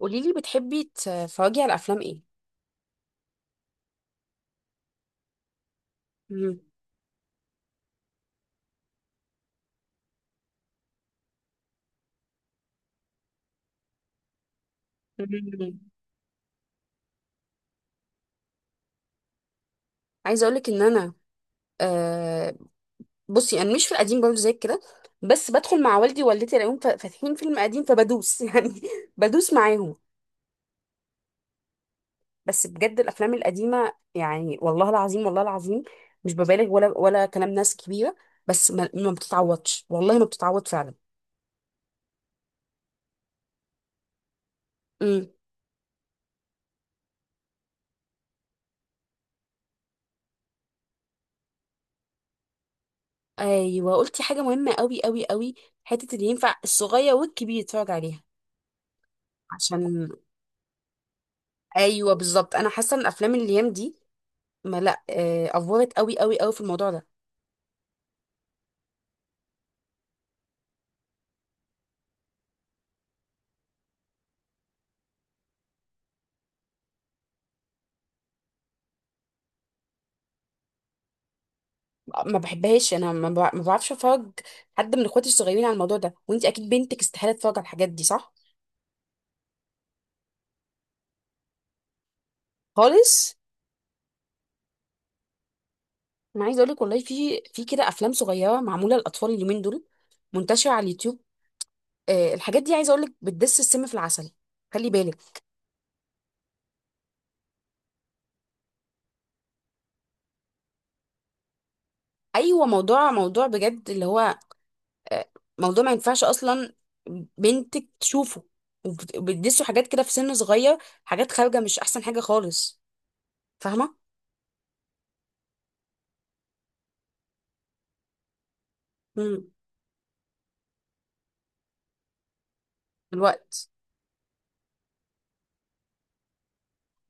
قولي لي، بتحبي تتفرجي على افلام ايه؟ مم. مم. عايزه اقول لك ان انا، آه بصي انا مش في القديم برضه زي كده. بس بدخل مع والدي ووالدتي الاقيهم فاتحين فيلم قديم فبدوس يعني. بدوس معاهم. بس بجد الافلام القديمه، يعني والله العظيم، والله العظيم مش ببالغ ولا كلام ناس كبيره. بس ما بتتعوضش، والله ما بتتعوض فعلا. امم. ايوه، قلتي حاجه مهمه قوي قوي قوي. حته اللي ينفع الصغير والكبير يتفرج عليها. عشان ايوه بالظبط، انا حاسه ان الافلام الايام دي، ما لا افورت قوي قوي قوي في الموضوع ده. ما بحبهاش انا، ما بعرفش افرج حد من اخواتي الصغيرين على الموضوع ده. وانت اكيد بنتك استحاله تتفرج على الحاجات دي، صح؟ خالص. انا عايزه اقول لك والله في كده افلام صغيره معموله للاطفال اليومين دول منتشره على اليوتيوب. الحاجات دي عايزه اقول لك بتدس السم في العسل. خلي بالك. ايوه، موضوع بجد اللي هو، آه، موضوع ما ينفعش اصلا بنتك تشوفه. وبتدسوا حاجات كده في سن صغير، حاجات خارجه مش احسن حاجه خالص. فاهمه؟ امم. الوقت.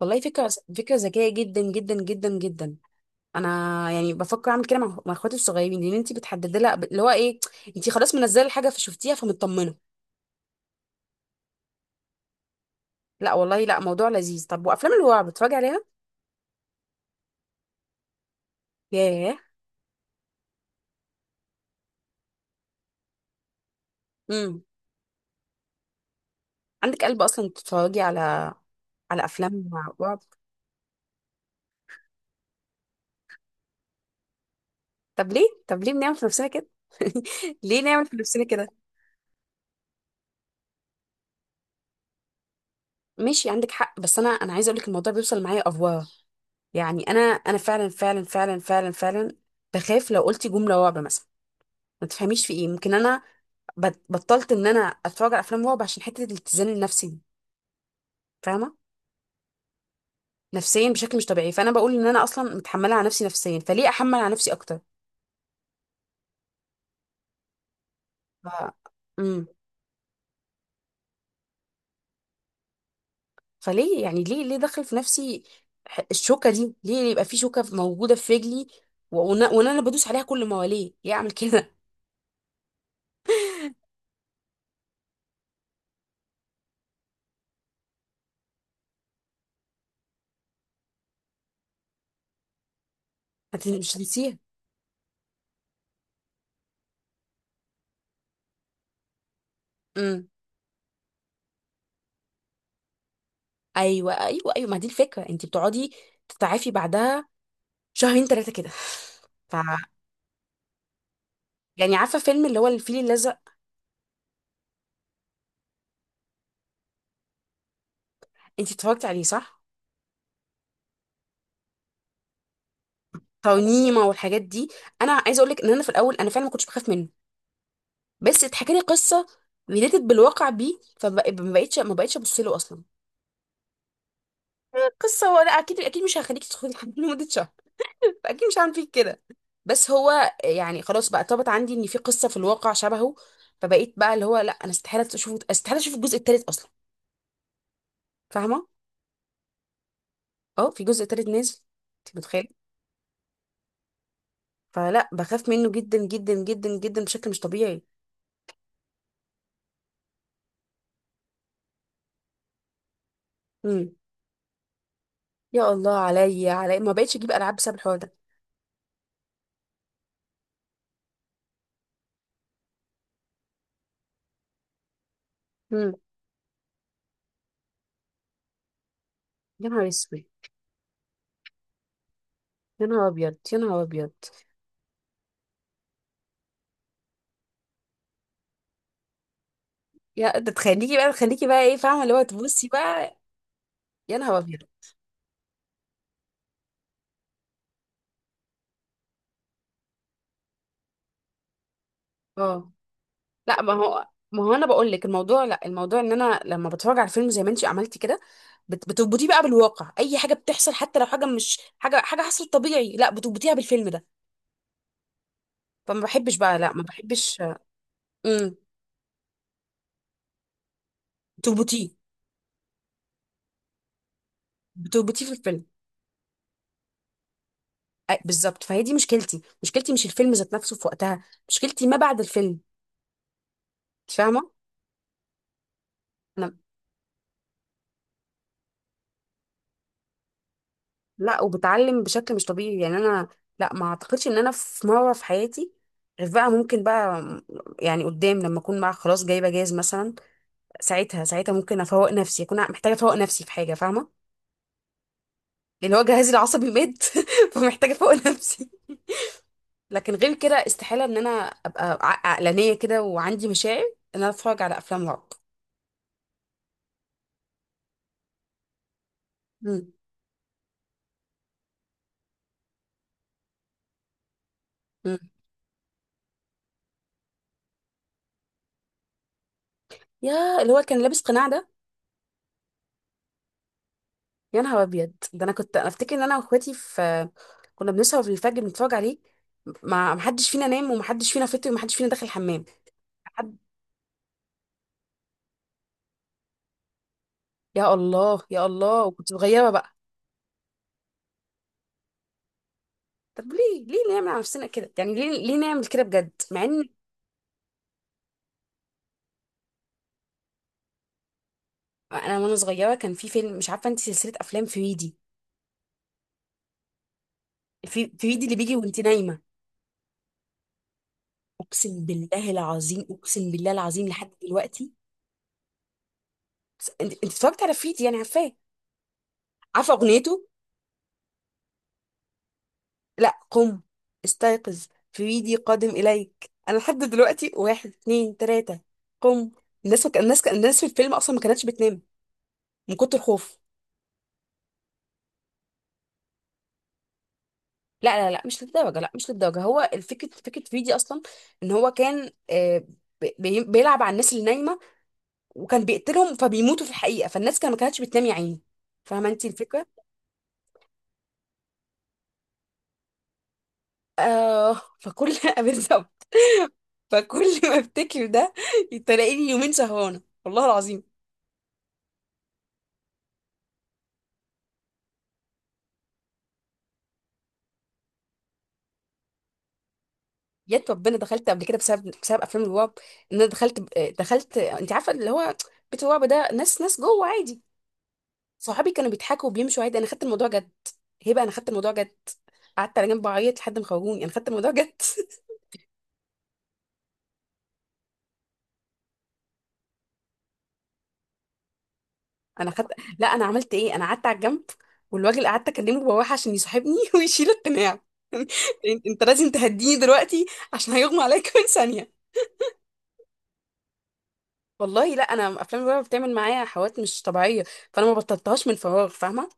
والله فكره. فكره ذكيه جدا جدا جدا جدا. انا يعني بفكر اعمل كده مع اخواتي الصغيرين، لان انت بتحددي لها اللي هو ايه. انت خلاص منزله الحاجه فشفتيها فمطمنه. لا والله، لا موضوع لذيذ. طب، وافلام الرعب بتتفرجي عليها؟ ياه. امم. عندك قلب اصلا تتفرجي على، على افلام رعب؟ طب ليه؟ طب ليه بنعمل في نفسنا كده؟ ليه نعمل في نفسنا كده؟ ماشي، عندك حق. بس انا، عايزه اقول لك الموضوع بيوصل معايا افواه. يعني انا، فعلا فعلا فعلا فعلا فعلا بخاف لو قلت جمله رعب مثلا ما تفهميش في ايه. ممكن انا بطلت ان انا اتفرج على افلام رعب عشان حته الاتزان النفسي دي. فاهمه؟ نفسيا بشكل مش طبيعي. فانا بقول ان انا اصلا متحمله على نفسي نفسيا، فليه احمل على نفسي اكتر؟ ف... فليه يعني، ليه دخل في نفسي الشوكة دي؟ ليه يبقى في شوكة موجودة في رجلي و- وانا وأنا أنا بدوس عليها كل ما؟ وليه اعمل كده؟ مش هنسيها. امم. ايوه ايوه ايوه، ما دي الفكرة. انت بتقعدي تتعافي بعدها شهرين ثلاثة كده. ف يعني عارفة فيلم اللي هو الفيل الأزرق؟ انت اتفرجت عليه صح؟ ترنيمة والحاجات دي. انا عايزة اقول لك ان انا في الاول انا فعلا ما كنتش بخاف منه، بس اتحكى لي قصة ريليتد بالواقع بيه، فما بقتش ما بقتش ابص له اصلا. قصة هو؟ لا، أكيد أكيد مش هخليك تدخلي الحمام لمدة شهر، أكيد مش هعمل فيك كده. بس هو يعني خلاص بقى، طابت عندي إن في قصة في الواقع شبهه. فبقيت بقى اللي هو لا، أنا استحالة أشوف استحالة أشوف الجزء التالت أصلا. فاهمة؟ أه، في جزء تالت نازل. أنت متخيلة؟ فلا، بخاف منه جدا جدا جدا جدا بشكل مش طبيعي. امم. يا الله، عليا، ما بقتش أجيب ألعاب بسبب الحوار ده. امم. يا نهار أسود. يا نهار أبيض، يا نهار أبيض. يا ده تخليكي بقى، تخليكي بقى إيه، فاهمة اللي هو تبصي بقى. يا نهار أبيض. اه، لا ما هو انا بقول لك الموضوع، لا الموضوع ان انا لما بتفرج على فيلم زي ما انت عملتي كده، بتربطيه بقى بالواقع. اي حاجه بتحصل حتى لو حاجه مش حاجه، حصلت طبيعي لا بتربطيها بالفيلم ده. فما بحبش بقى، لا ما بحبش. امم. بتربطيه، بتربطيه في الفيلم. أي بالظبط، فهي دي مشكلتي. مشكلتي مش الفيلم ذات نفسه في وقتها، مشكلتي ما بعد الفيلم. انت فاهمه؟ انا، لا، وبتعلم بشكل مش طبيعي يعني. انا لا ما اعتقدش ان انا في مره في حياتي، غير بقى ممكن بقى، يعني قدام لما اكون بقى خلاص جايبه جاز مثلا. ساعتها ساعتها ممكن افوق نفسي، اكون محتاجه افوق نفسي في حاجه، فاهمه؟ لان هو جهازي العصبي مات فمحتاجه افوق نفسي. لكن غير كده استحاله ان انا ابقى عقلانيه كده وعندي مشاعر ان انا اتفرج على افلام رعب. مم. مم. يا، اللي هو كان لابس قناع ده؟ يا نهار ابيض، ده انا كنت انا افتكر ان انا واخواتي في، كنا بنسهر في الفجر بنتفرج عليه. ما محدش فينا نام ومحدش فينا فطر ومحدش فينا داخل الحمام. حد. يا الله، يا الله، وكنت صغيره بقى. طب ليه؟ ليه نعمل على نفسنا كده يعني؟ ليه نعمل كده بجد، مع ان انا وانا صغيره كان في فيلم. مش عارفه انت سلسله افلام فريدي. في فريدي اللي بيجي وانت نايمه. اقسم بالله العظيم، اقسم بالله العظيم لحد دلوقتي. انت اتفرجت على فريدي، يعني عارفاه؟ عارفه اغنيته؟ لا قم، استيقظ، فريدي قادم اليك. انا لحد دلوقتي، واحد اتنين تلاته، قم. الناس الناس، في الفيلم اصلا ما كانتش بتنام من كتر الخوف. لا لا لا، مش للدرجه، هو الفكره، فكره فريدي اصلا، ان هو كان، بيلعب على الناس اللي نايمه وكان بيقتلهم فبيموتوا في الحقيقة. فالناس كان ما كانتش بتنام يا عيني. فاهمة انت الفكرة؟ فكل بالظبط، فكل ما افتكر ده تلاقيني يومين سهرانة والله العظيم. يا ربنا، دخلت قبل كده بسبب، افلام الرعب. ان انا دخلت انت عارفة اللي هو بيت الرعب ده، ناس، جوه عادي. صحابي كانوا بيضحكوا وبيمشوا عادي، انا خدت الموضوع جد. هبه، انا خدت الموضوع جد، قعدت على جنب اعيط لحد ما خرجوني. انا خدت الموضوع جد. انا خدت لا، انا عملت ايه، انا قعدت على الجنب والراجل قعدت اكلمه بواح عشان يصاحبني ويشيل القناع. انت، أنت لازم تهديني دلوقتي عشان هيغمى عليا كمان ثانيه. والله لا، انا افلام الرعب بتعمل معايا حوادث مش طبيعيه، فانا ما بطلتهاش من فراغ. فاهمه؟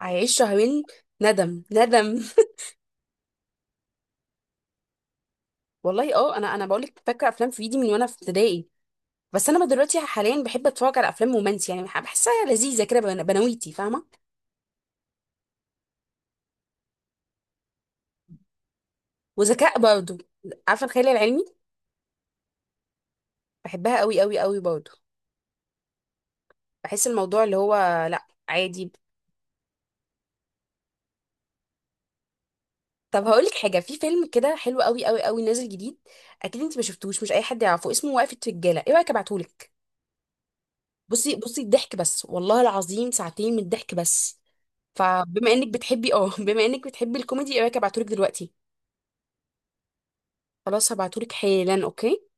عايش شهرين. ندم ندم. والله اه، انا، بقول لك فاكره افلام في ايدي من وانا في ابتدائي. بس انا دلوقتي حاليا بحب اتفرج على افلام رومانسي، يعني بحسها لذيذه كده. بنويتي، فاهمه؟ وذكاء برضه. عارفه الخيال العلمي؟ بحبها قوي قوي قوي برضه. بحس الموضوع اللي هو، لا عادي. طب هقولك حاجه، في فيلم كده حلو قوي قوي قوي نازل جديد. اكيد انت ما شفتوش، مش اي حد يعرفه. اسمه وقفه رجاله. ايه رايك ابعتهولك؟ بصي بصي، الضحك بس والله العظيم، ساعتين من الضحك بس. فبما انك بتحبي، بما انك بتحبي الكوميدي، ايه رايك ابعتهولك دلوقتي؟ خلاص، هبعتهولك حالا، اوكي.